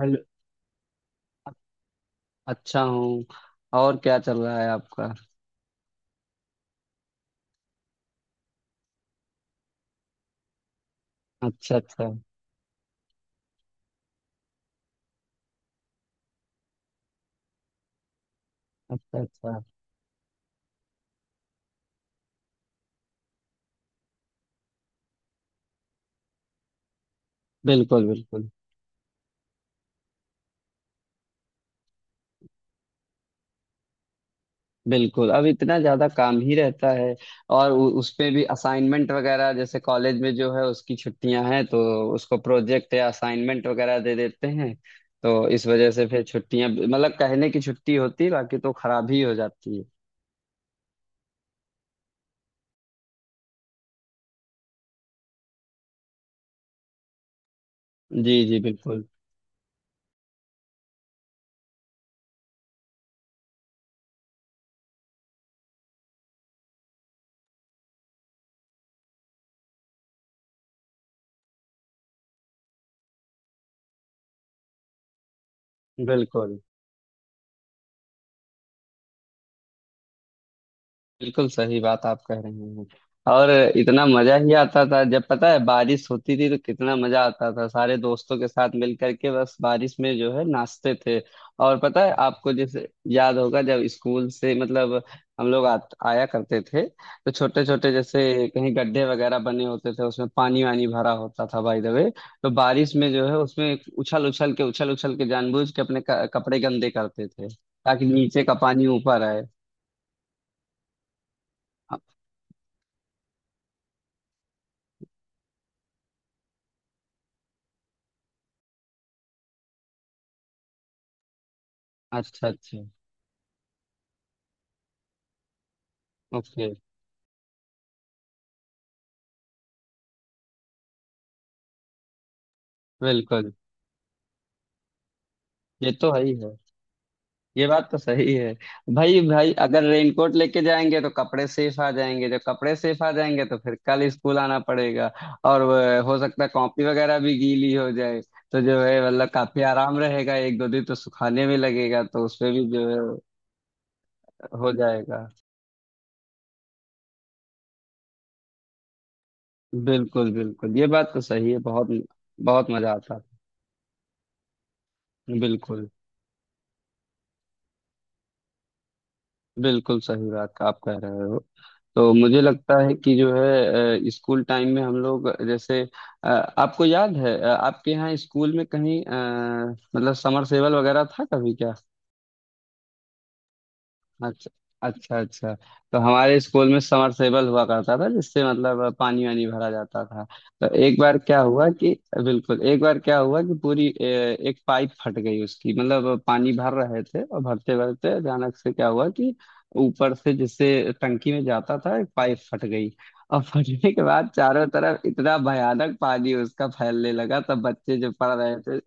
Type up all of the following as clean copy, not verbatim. Hello. अच्छा हूँ। और क्या चल रहा है आपका। अच्छा अच्छा। अच्छा अच्छा। बिल्कुल बिल्कुल। बिल्कुल अब इतना ज्यादा काम ही रहता है। और उसपे भी असाइनमेंट वगैरह जैसे कॉलेज में जो है उसकी छुट्टियां हैं, तो उसको प्रोजेक्ट या असाइनमेंट वगैरह दे देते हैं। तो इस वजह से फिर छुट्टियां मतलब कहने की छुट्टी होती है, बाकी तो खराब ही हो जाती है। जी जी बिल्कुल। बिल्कुल। बिल्कुल सही बात आप कह रहे हैं। और इतना मजा ही आता था। जब पता है बारिश होती थी तो कितना मजा आता था, सारे दोस्तों के साथ मिल करके बस बारिश में जो है नाचते थे। और पता है आपको जैसे याद होगा जब स्कूल से मतलब हम लोग आया करते थे, तो छोटे छोटे जैसे कहीं गड्ढे वगैरह बने होते थे, उसमें पानी वानी भरा होता था बाय द वे। तो बारिश में जो है उसमें उछल उछल के जानबूझ के अपने कपड़े गंदे करते थे ताकि नीचे का पानी ऊपर आए। अच्छा अच्छा। ओके। बिल्कुल। ये तो है ही है। ये बात तो सही है। भाई भाई अगर रेनकोट लेके जाएंगे तो कपड़े सेफ आ जाएंगे, जब कपड़े सेफ आ जाएंगे तो फिर कल स्कूल आना पड़ेगा। और हो सकता है कॉपी वगैरह भी गीली हो जाए, तो जो है मतलब काफी आराम रहेगा, एक दो दिन तो सुखाने में लगेगा, तो उसमें भी जो है हो जाएगा। बिल्कुल बिल्कुल ये बात तो सही है। बहुत बहुत मजा आता है। बिल्कुल बिल्कुल सही बात आप कह रहे हो। तो मुझे लगता है कि जो है स्कूल टाइम में हम लोग जैसे अ, आपको याद है आपके यहाँ स्कूल में कहीं मतलब समरसेवल वगैरह था कभी क्या। अच्छा। अच्छा अच्छा। तो हमारे स्कूल में समरसेबल हुआ करता था जिससे मतलब पानी वानी भरा जाता था। तो एक बार क्या हुआ कि बिल्कुल, एक बार क्या हुआ कि पूरी एक पाइप फट गई उसकी, मतलब पानी भर रहे थे और भरते भरते अचानक से क्या हुआ कि ऊपर से जिससे टंकी में जाता था एक पाइप फट गई। और फटने के बाद चारों तरफ इतना भयानक पानी उसका फैलने लगा, तब बच्चे जो पढ़ रहे थे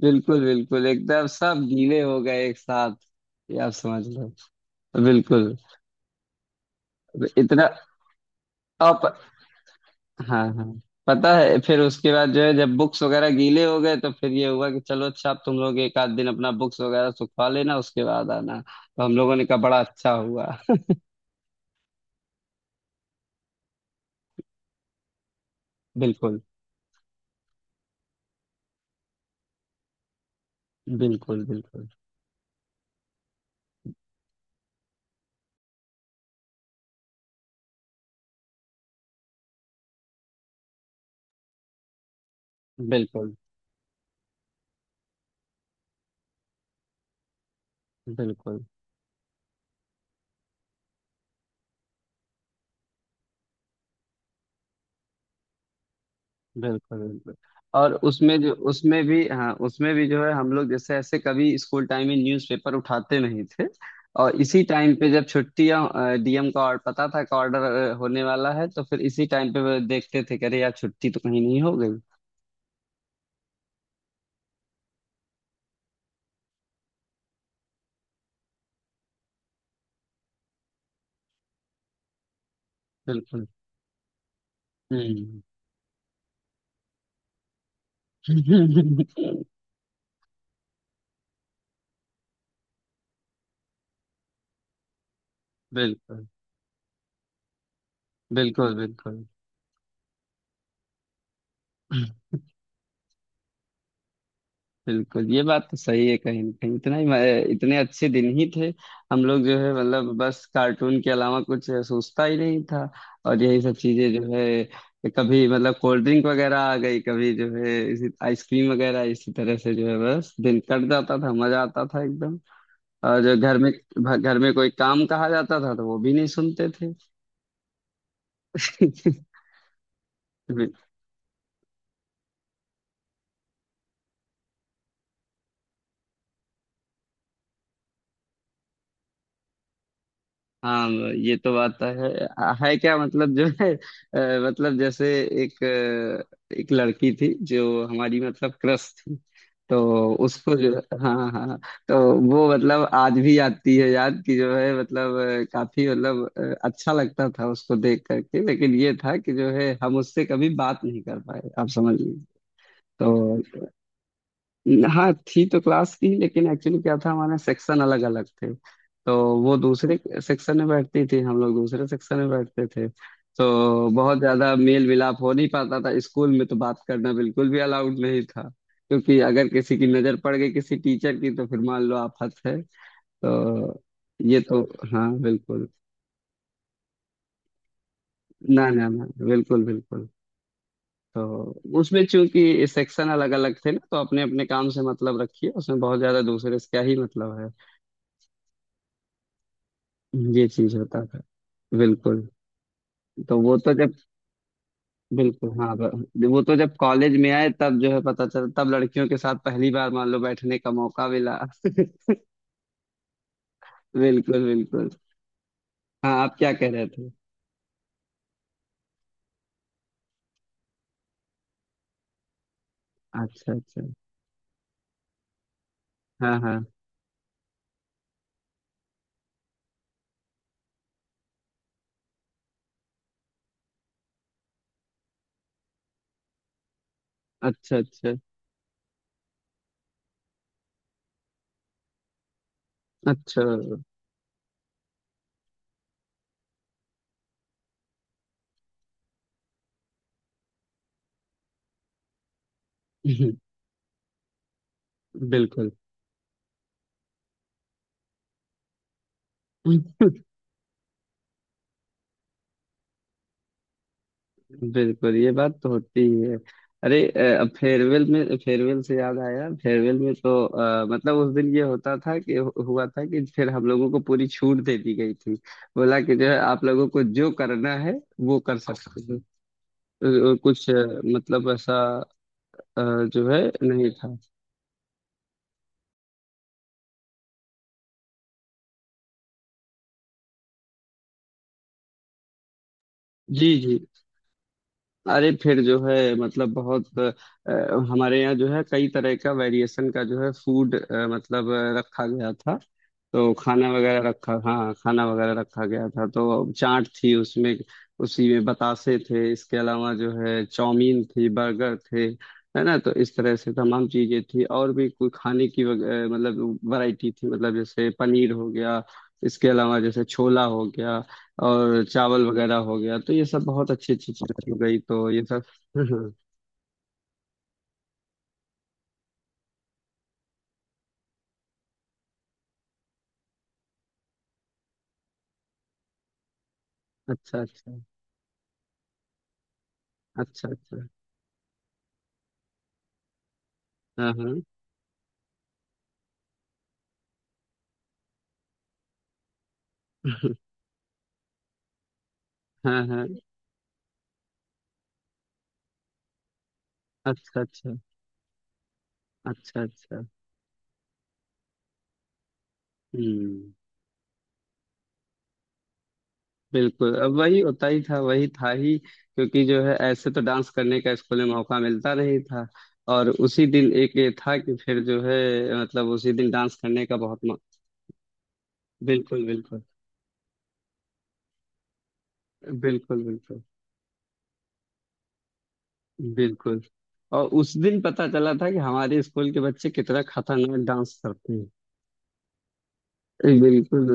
बिल्कुल बिल्कुल एकदम सब गीले हो गए एक साथ, ये आप समझ लो। बिल्कुल। इतना आप हाँ हाँ पता है। फिर उसके बाद जो है जब बुक्स वगैरह गीले हो गए तो फिर ये हुआ कि चलो अच्छा, आप तुम लोग एक आध दिन अपना बुक्स वगैरह सुखवा लेना, उसके बाद आना। तो हम लोगों ने कहा बड़ा अच्छा हुआ। बिल्कुल बिल्कुल। बिल्कुल बिल्कुल। बिल्कुल बिल्कुल बिल्कुल। और उसमें जो उसमें भी हाँ उसमें भी जो है हम लोग जैसे ऐसे कभी स्कूल टाइम में न्यूज़पेपर उठाते नहीं थे। और इसी टाइम पे जब छुट्टियां डीएम का और पता था का ऑर्डर होने वाला है, तो फिर इसी टाइम पे वो देखते थे कि अरे यार छुट्टी तो कहीं नहीं हो गई। बिल्कुल। हम्म। बिल्कुल बिल्कुल। बिल्कुल। बिल्कुल ये बात तो सही है, कहीं ना कहीं इतना ही इतने अच्छे दिन ही थे। हम लोग जो है मतलब बस कार्टून के अलावा कुछ सोचता ही नहीं था। और यही सब चीजें जो है कभी मतलब कोल्ड ड्रिंक वगैरह आ गई, कभी जो है इसी आइसक्रीम वगैरह, इसी तरह से जो है बस दिन कट जाता था, मजा आता था एकदम। और जो घर में कोई काम कहा जाता था तो वो भी नहीं सुनते थे। हाँ, ये तो बात तो है। है क्या मतलब जो है मतलब जैसे एक एक लड़की थी जो हमारी मतलब क्रश थी। तो उसको जो हाँ हाँ हाँ, तो वो मतलब आज भी आती है याद, कि जो है मतलब काफी मतलब अच्छा लगता था उसको देख करके, लेकिन ये था कि जो है हम उससे कभी बात नहीं कर पाए, आप समझ लीजिए। तो हाँ थी तो क्लास की, लेकिन एक्चुअली क्या था हमारे सेक्शन अलग अलग थे। तो वो दूसरे सेक्शन में बैठती थी, हम लोग दूसरे सेक्शन में बैठते थे। तो बहुत ज्यादा मेल मिलाप हो नहीं पाता था। स्कूल में तो बात करना बिल्कुल भी अलाउड नहीं था, क्योंकि अगर किसी की नजर पड़ गई किसी टीचर की, तो फिर मान लो आफत है। तो ये तो हाँ बिल्कुल। ना ना ना बिल्कुल बिल्कुल। तो उसमें चूंकि सेक्शन अलग अलग थे ना, तो अपने अपने काम से मतलब रखिए, उसमें बहुत ज्यादा दूसरे से क्या ही मतलब है। ये चीज होता था। बिल्कुल। तो वो तो जब बिल्कुल हाँ वो तो जब कॉलेज में आए तब जो है पता चला, तब लड़कियों के साथ पहली बार मान लो बैठने का मौका मिला। बिल्कुल बिल्कुल। हाँ आप क्या कह रहे थे। अच्छा अच्छा। हाँ हाँ। अच्छा अच्छा अच्छा। बिल्कुल बिल्कुल ये बात तो होती ही है। अरे अब फेयरवेल में, फेयरवेल से याद आया, फेयरवेल में तो मतलब उस दिन ये होता था कि हुआ था कि फिर हम लोगों को पूरी छूट दे दी गई थी, बोला कि जो है आप लोगों को जो करना है वो कर सकते हो। अ, कुछ अ, मतलब ऐसा अ, जो है नहीं था। जी जी। अरे फिर जो है मतलब बहुत हमारे यहाँ जो है कई तरह का वेरिएशन का जो है फूड मतलब रखा गया था। तो खाना वगैरह रखा हाँ खाना वगैरह रखा गया था। तो चाट थी उसमें, उसी में बतासे थे, इसके अलावा जो है चाउमीन थी, बर्गर थे, है ना। तो इस तरह से तमाम चीजें थी और भी, कोई खाने की मतलब वैरायटी थी, मतलब जैसे पनीर हो गया, इसके अलावा जैसे छोला हो गया और चावल वगैरह हो गया। तो ये सब बहुत अच्छी अच्छी चीजें हो गई, तो ये सब अच्छा अच्छा। अच्छा अच्छा। हाँ हाँ। हाँ हाँ। अच्छा अच्छा। अच्छा अच्छा। हम्म। बिल्कुल अब वही होता ही था, वही था ही, क्योंकि जो है ऐसे तो डांस करने का स्कूल में मौका मिलता नहीं था। और उसी दिन एक ये था कि फिर जो है मतलब उसी दिन डांस करने का बहुत बिल्कुल बिल्कुल। बिल्कुल बिल्कुल बिल्कुल। और उस दिन पता चला था कि हमारे स्कूल के बच्चे कितना खतरनाक डांस करते हैं। बिल्कुल।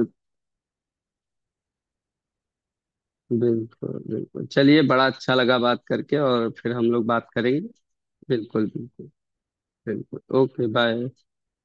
बिल्कुल बिल्कुल चलिए, बड़ा अच्छा लगा बात करके, और फिर हम लोग बात करेंगे। बिल्कुल बिल्कुल। बिल्कुल ओके बाय।